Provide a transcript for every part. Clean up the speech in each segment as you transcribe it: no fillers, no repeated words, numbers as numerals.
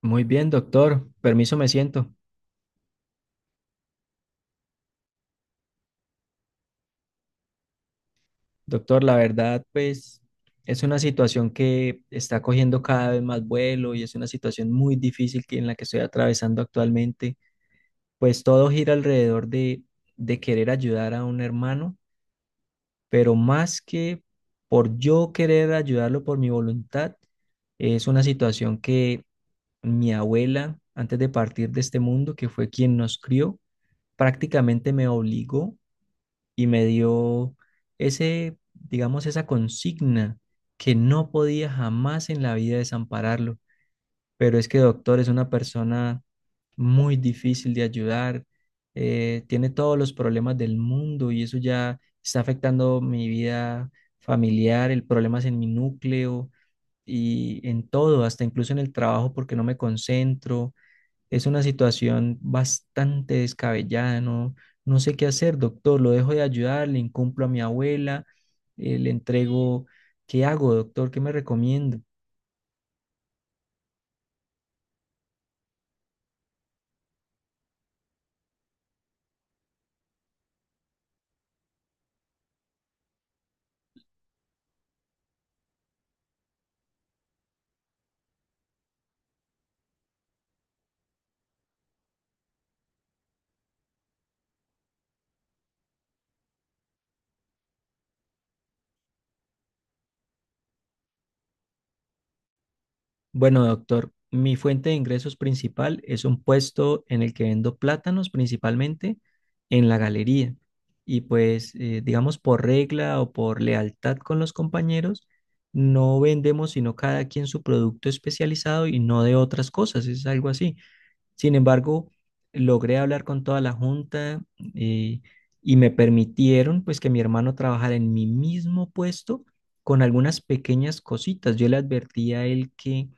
Muy bien, doctor. Permiso, me siento. Doctor, la verdad, pues es una situación que está cogiendo cada vez más vuelo y es una situación muy difícil que en la que estoy atravesando actualmente. Pues todo gira alrededor de querer ayudar a un hermano, pero más que por yo querer ayudarlo por mi voluntad, es una situación que mi abuela, antes de partir de este mundo, que fue quien nos crió, prácticamente me obligó y me dio ese, digamos, esa consigna que no podía jamás en la vida desampararlo. Pero es que doctor es una persona muy difícil de ayudar, tiene todos los problemas del mundo y eso ya está afectando mi vida familiar. El problema es en mi núcleo y en todo, hasta incluso en el trabajo porque no me concentro. Es una situación bastante descabellada. No, no sé qué hacer, doctor. ¿Lo dejo de ayudar? Le incumplo a mi abuela, le entrego. ¿Qué hago, doctor? ¿Qué me recomienda? Bueno, doctor, mi fuente de ingresos principal es un puesto en el que vendo plátanos principalmente en la galería. Y pues, digamos, por regla o por lealtad con los compañeros, no vendemos sino cada quien su producto especializado y no de otras cosas, es algo así. Sin embargo, logré hablar con toda la junta eh, y me permitieron pues que mi hermano trabajara en mi mismo puesto con algunas pequeñas cositas. Yo le advertí a él que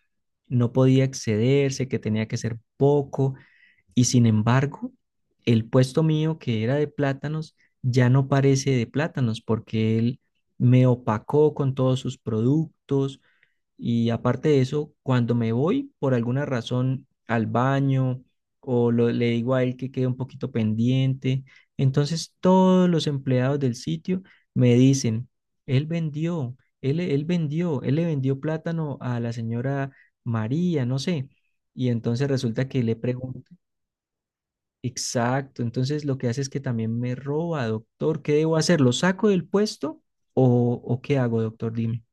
no podía excederse, que tenía que ser poco y, sin embargo, el puesto mío que era de plátanos ya no parece de plátanos porque él me opacó con todos sus productos, y aparte de eso, cuando me voy por alguna razón al baño le digo a él que quede un poquito pendiente, entonces todos los empleados del sitio me dicen, él vendió, él vendió, él le vendió plátano a la señora María, no sé. Y entonces resulta que le pregunto, exacto, entonces lo que hace es que también me roba, doctor. ¿Qué debo hacer? ¿Lo saco del puesto o qué hago, doctor? Dime.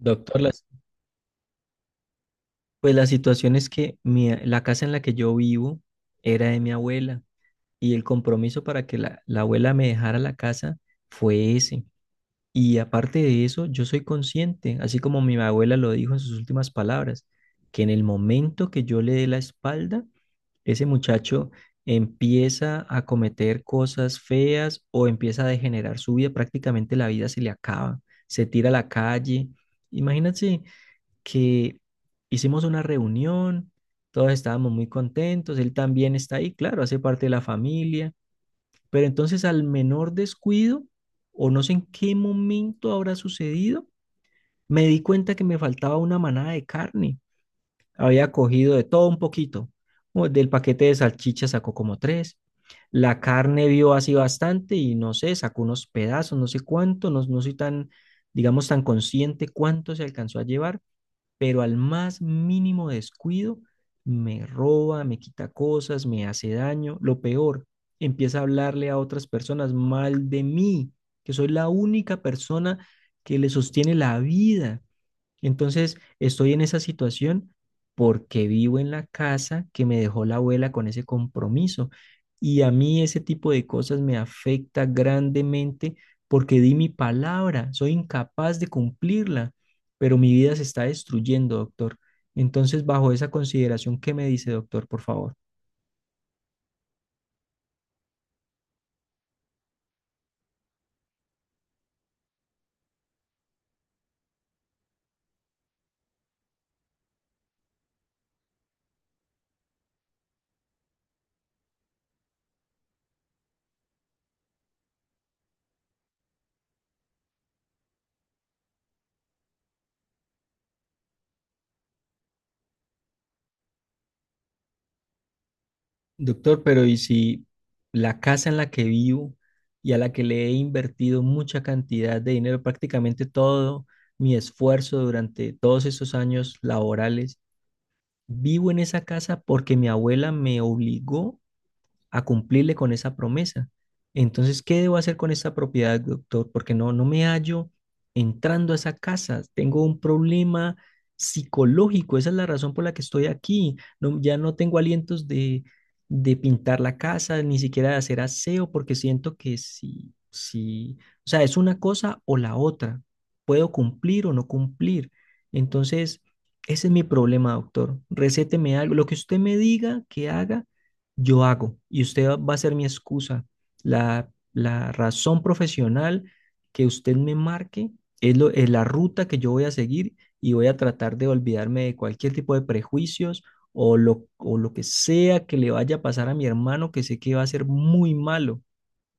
Doctor, la, pues la situación es que la casa en la que yo vivo era de mi abuela y el compromiso para que la abuela me dejara la casa fue ese. Y aparte de eso, yo soy consciente, así como mi abuela lo dijo en sus últimas palabras, que en el momento que yo le dé la espalda, ese muchacho empieza a cometer cosas feas o empieza a degenerar su vida, prácticamente la vida se le acaba, se tira a la calle. Imagínate que hicimos una reunión, todos estábamos muy contentos, él también está ahí, claro, hace parte de la familia, pero entonces al menor descuido, o no sé en qué momento habrá sucedido, me di cuenta que me faltaba una manada de carne. Había cogido de todo un poquito. O del paquete de salchicha sacó como tres. La carne vio así bastante y no sé, sacó unos pedazos, no sé cuánto, no, no soy tan, digamos, tan consciente cuánto se alcanzó a llevar, pero al más mínimo descuido me roba, me quita cosas, me hace daño. Lo peor, empieza a hablarle a otras personas mal de mí, que soy la única persona que le sostiene la vida. Entonces, estoy en esa situación porque vivo en la casa que me dejó la abuela con ese compromiso. Y a mí ese tipo de cosas me afecta grandemente porque di mi palabra, soy incapaz de cumplirla, pero mi vida se está destruyendo, doctor. Entonces, bajo esa consideración, ¿qué me dice, doctor, por favor? Doctor, pero ¿y si la casa en la que vivo y a la que le he invertido mucha cantidad de dinero, prácticamente todo mi esfuerzo durante todos esos años laborales, vivo en esa casa porque mi abuela me obligó a cumplirle con esa promesa. Entonces, ¿qué debo hacer con esta propiedad, doctor? Porque no, no me hallo entrando a esa casa. Tengo un problema psicológico. Esa es la razón por la que estoy aquí. No, ya no tengo alientos de pintar la casa, ni siquiera de hacer aseo, porque siento que si, si, o sea, es una cosa o la otra. Puedo cumplir o no cumplir. Entonces, ese es mi problema, doctor. Recéteme algo. Lo que usted me diga que haga, yo hago y usted va a ser mi excusa. La razón profesional que usted me marque es la ruta que yo voy a seguir y voy a tratar de olvidarme de cualquier tipo de prejuicios o lo que sea que le vaya a pasar a mi hermano que sé que va a ser muy malo.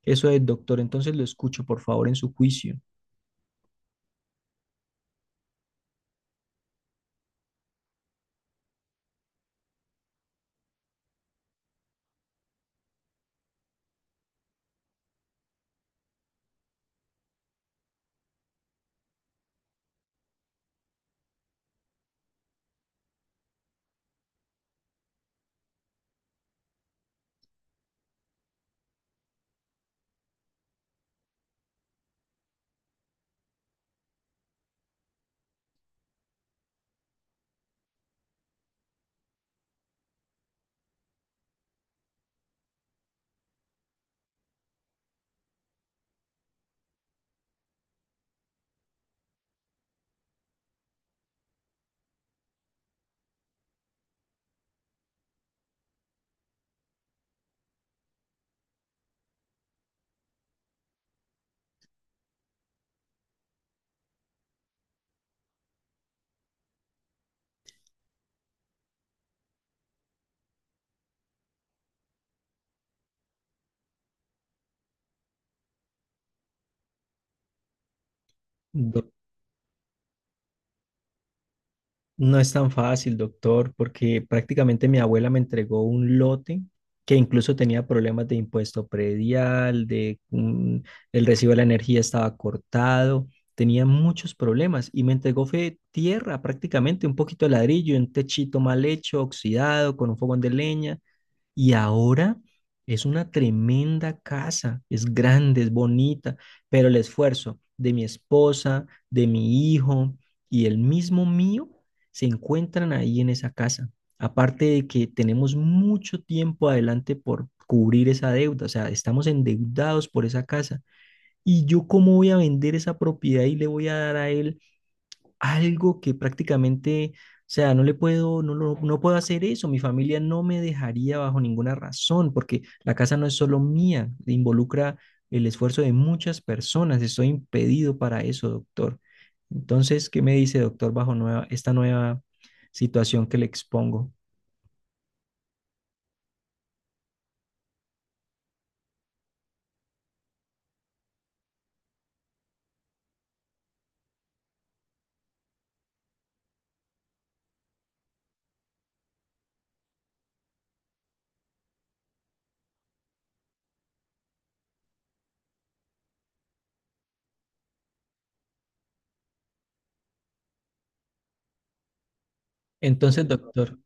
Eso es, doctor. Entonces lo escucho, por favor, en su juicio. Do- No es tan fácil, doctor, porque prácticamente mi abuela me entregó un lote que incluso tenía problemas de impuesto predial, el recibo de la energía estaba cortado, tenía muchos problemas y me entregó fue tierra, prácticamente un poquito de ladrillo, un techito mal hecho, oxidado, con un fogón de leña y ahora es una tremenda casa, es grande, es bonita, pero el esfuerzo de mi esposa, de mi hijo y el mismo mío se encuentran ahí en esa casa. Aparte de que tenemos mucho tiempo adelante por cubrir esa deuda, o sea, estamos endeudados por esa casa. ¿Y yo cómo voy a vender esa propiedad y le voy a dar a él algo que prácticamente, o sea, no le puedo, no puedo hacer eso? Mi familia no me dejaría bajo ninguna razón, porque la casa no es solo mía, involucra el esfuerzo de muchas personas, estoy impedido para eso, doctor. Entonces, ¿qué me dice, doctor, bajo esta nueva situación que le expongo? Entonces, doctor,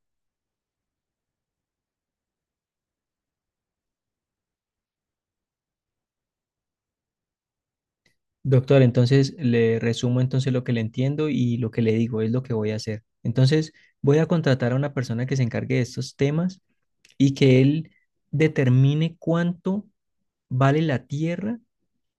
doctor, entonces le resumo entonces lo que le entiendo y lo que le digo es lo que voy a hacer. Entonces, voy a contratar a una persona que se encargue de estos temas y que él determine cuánto vale la tierra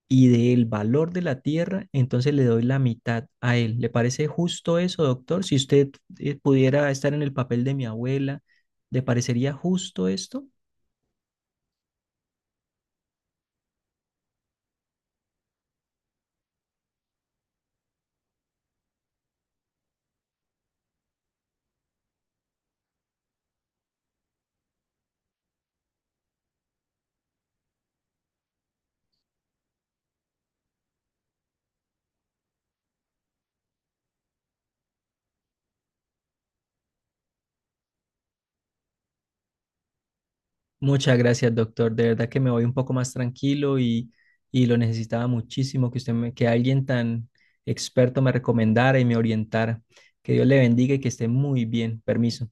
y del valor de la tierra, entonces le doy la mitad a él. ¿Le parece justo eso, doctor? Si usted pudiera estar en el papel de mi abuela, ¿le parecería justo esto? Muchas gracias, doctor. De verdad que me voy un poco más tranquilo y lo necesitaba muchísimo que usted me, que alguien tan experto me recomendara y me orientara. Que Dios le bendiga y que esté muy bien. Permiso.